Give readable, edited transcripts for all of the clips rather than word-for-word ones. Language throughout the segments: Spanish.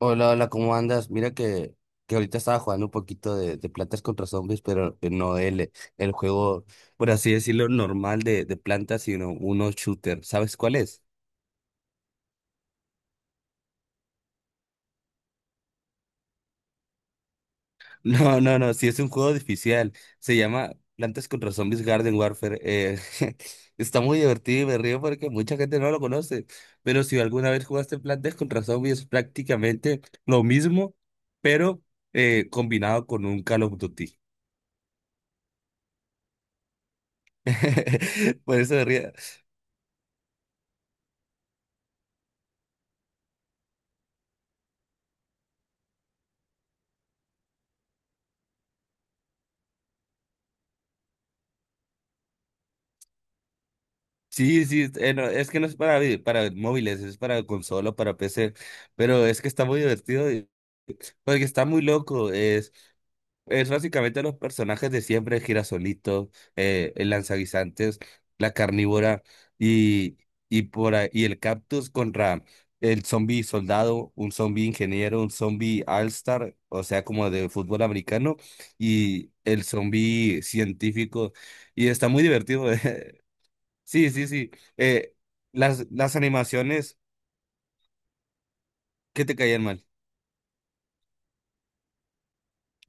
Hola, hola, ¿cómo andas? Mira que ahorita estaba jugando un poquito de Plantas contra Zombies, pero que no el, el juego, por así decirlo, normal de plantas, sino uno shooter. ¿Sabes cuál es? No, no, no, sí es un juego difícil. Se llama Plantas contra Zombies Garden Warfare. Está muy divertido y me río porque mucha gente no lo conoce. Pero si alguna vez jugaste Plantas contra Zombies, es prácticamente lo mismo, pero combinado con un Call of Duty. Por eso me río. Sí, sí, no, es que no es para, para móviles, es para consola, para PC, pero es que está muy divertido, y porque está muy loco, es básicamente los personajes de siempre, el girasolito, el lanzaguisantes, la carnívora y, y, y el cactus contra el zombie soldado, un zombie ingeniero, un zombie all-star, o sea, como de fútbol americano, y el zombie científico, y está muy divertido. Sí, sí, sí. Eh, las animaciones que te caían mal.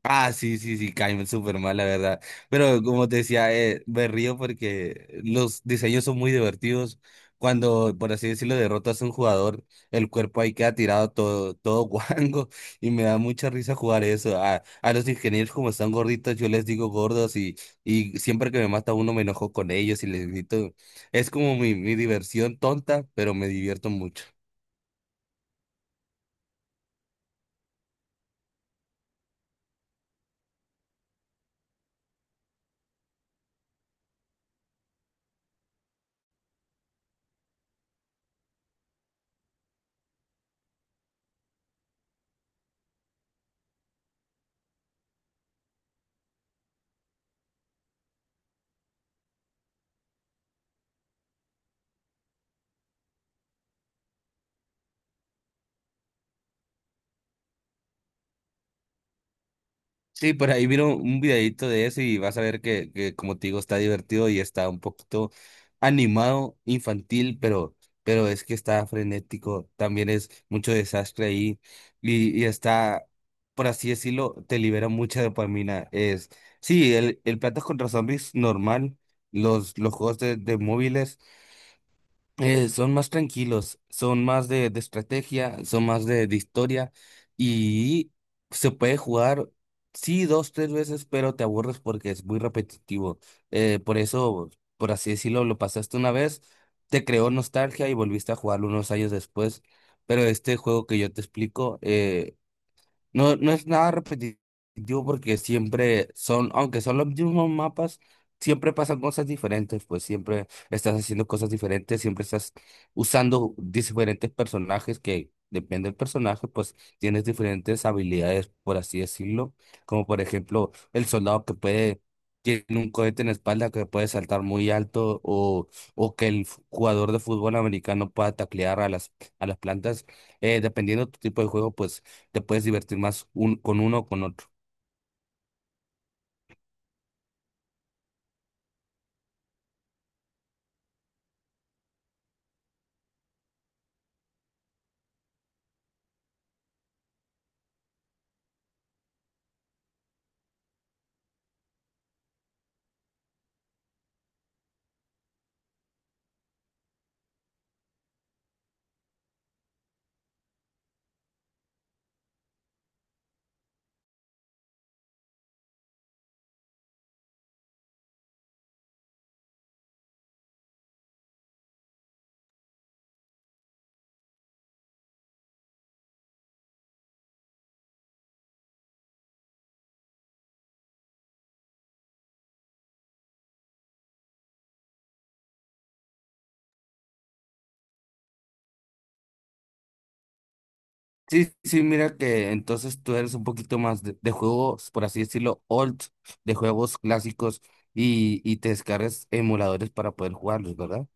Ah, sí, sí, sí, caen súper mal, la verdad. Pero como te decía, me río porque los diseños son muy divertidos. Cuando, por así decirlo, derrotas a un jugador, el cuerpo ahí queda tirado todo, todo guango y me da mucha risa jugar eso. A los ingenieros, como están gorditos, yo les digo gordos y siempre que me mata uno me enojo con ellos y les grito. Es como mi diversión tonta, pero me divierto mucho. Sí, por ahí vieron un videito de eso y vas a ver que, como te digo, está divertido y está un poquito animado, infantil, pero es que está frenético, también es mucho desastre ahí y está, por así decirlo, te libera mucha dopamina. Es, sí, el Plantas contra Zombies normal, los juegos de móviles. Son más tranquilos, son más de estrategia, son más de historia y se puede jugar, sí, dos, tres veces, pero te aburres porque es muy repetitivo. Por eso, por así decirlo, lo pasaste una vez, te creó nostalgia y volviste a jugarlo unos años después. Pero este juego que yo te explico, no, no es nada repetitivo porque siempre son, aunque son los mismos mapas, siempre pasan cosas diferentes, pues siempre estás haciendo cosas diferentes, siempre estás usando diferentes personajes que depende del personaje, pues tienes diferentes habilidades, por así decirlo, como por ejemplo el soldado que puede, tiene un cohete en la espalda que puede saltar muy alto o que el jugador de fútbol americano pueda taclear a las plantas, dependiendo de tu tipo de juego, pues te puedes divertir más un, con uno o con otro. Sí, sí, mira que entonces tú eres un poquito más de juegos, por así decirlo, old, de juegos clásicos y te descargas emuladores para poder jugarlos, ¿verdad?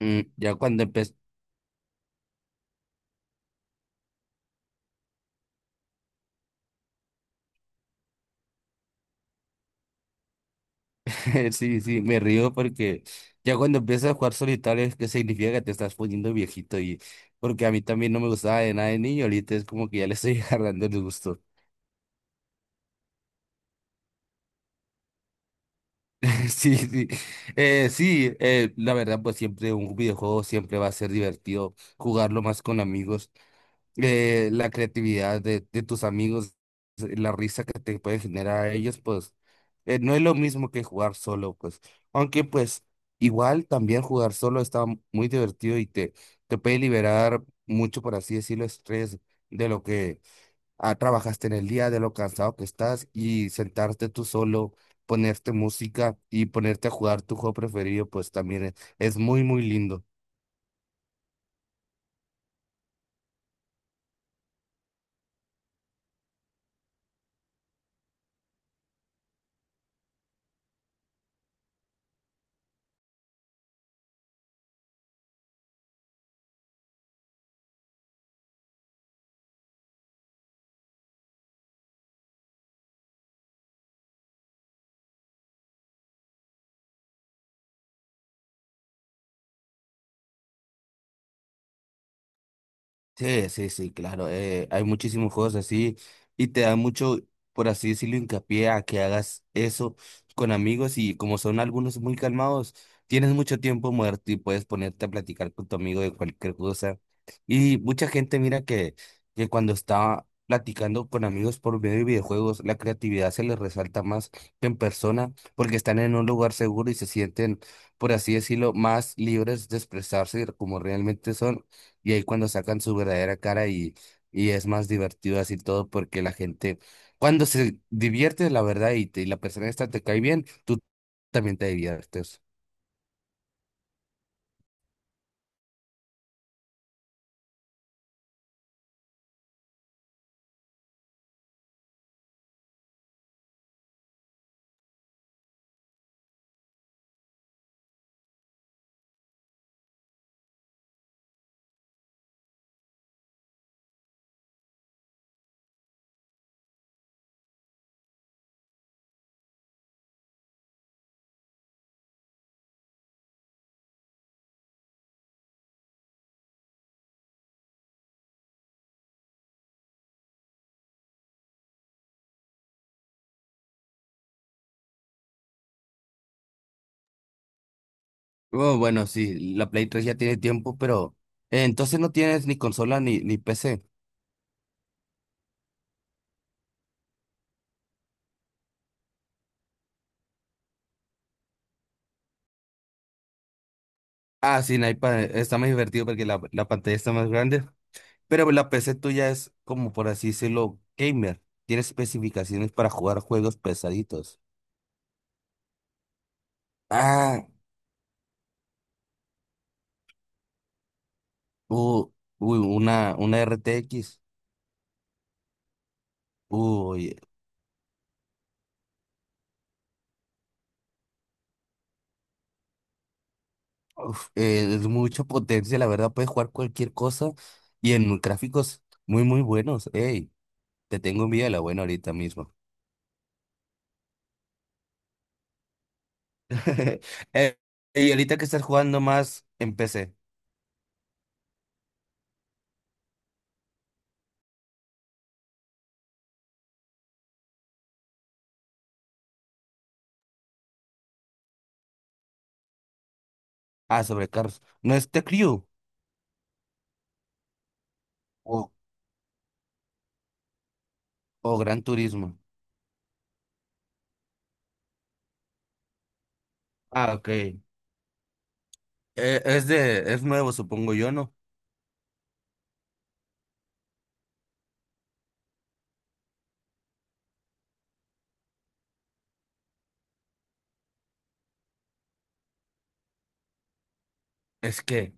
Mm, ya cuando empiezas. Sí, sí, me río porque ya cuando empiezas a jugar solitario es que significa que te estás poniendo viejito y porque a mí también no me gustaba de nada de niño, ahorita es como que ya le estoy agarrando el gusto. Sí, sí, sí, la verdad, pues siempre un videojuego siempre va a ser divertido jugarlo más con amigos. La creatividad de tus amigos, la risa que te puede generar a ellos, pues no es lo mismo que jugar solo, pues. Aunque, pues, igual también jugar solo está muy divertido y te puede liberar mucho, por así decirlo, estrés de lo que trabajaste en el día, de lo cansado que estás y sentarte tú solo, ponerte música y ponerte a jugar tu juego preferido, pues también es muy, muy lindo. Sí, sí, sí, claro. Hay muchísimos juegos así y te da mucho, por así decirlo, hincapié a que hagas eso con amigos y como son algunos muy calmados, tienes mucho tiempo muerto y puedes ponerte a platicar con tu amigo de cualquier cosa. Y mucha gente mira que cuando está platicando con amigos por medio de videojuegos, la creatividad se les resalta más que en persona porque están en un lugar seguro y se sienten, por así decirlo, más libres de expresarse como realmente son. Y ahí cuando sacan su verdadera cara y es más divertido así todo porque la gente, cuando se divierte la verdad y, y la persona esta te cae bien, tú también te diviertes. Oh, bueno, sí, la Play 3 ya tiene tiempo, pero entonces no tienes ni consola ni, ni PC. Ah, sí, en iPad está más divertido porque la pantalla está más grande, pero la PC tuya es como por así decirlo, gamer. Tiene especificaciones para jugar juegos pesaditos. Ah, uh, uy, una RTX. Uy, uf, es mucha potencia, la verdad, puedes jugar cualquier cosa y en gráficos muy, muy buenos. Ey, te tengo envidia de la buena ahorita mismo. Y ahorita que estás jugando más en PC. Ah, sobre carros. ¿No es The Crew o, o Gran Turismo? Ah, ok. Es de, es nuevo, supongo yo, ¿no? Es que,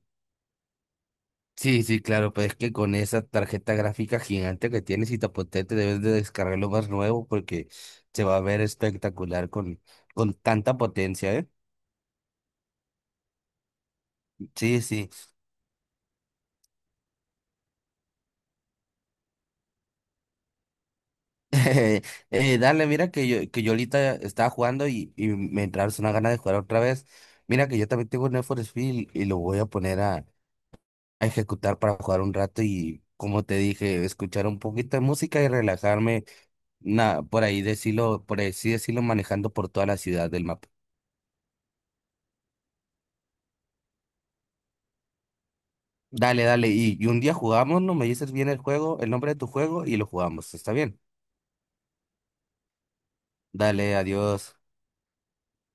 sí, sí, claro, pues es que con esa tarjeta gráfica gigante que tienes y tan potente debes de descargar lo más nuevo porque se va a ver espectacular con tanta potencia, ¿eh? Sí, sí. Dale, mira que yo ahorita estaba jugando y me entraron una gana de jugar otra vez. Mira que yo también tengo un Need for Speed y lo voy a poner a ejecutar para jugar un rato y, como te dije, escuchar un poquito de música y relajarme, nada, por ahí decirlo, por así decirlo, manejando por toda la ciudad del mapa. Dale, dale. Y un día jugamos, ¿no? Me dices bien el juego, el nombre de tu juego y lo jugamos. ¿Está bien? Dale, adiós.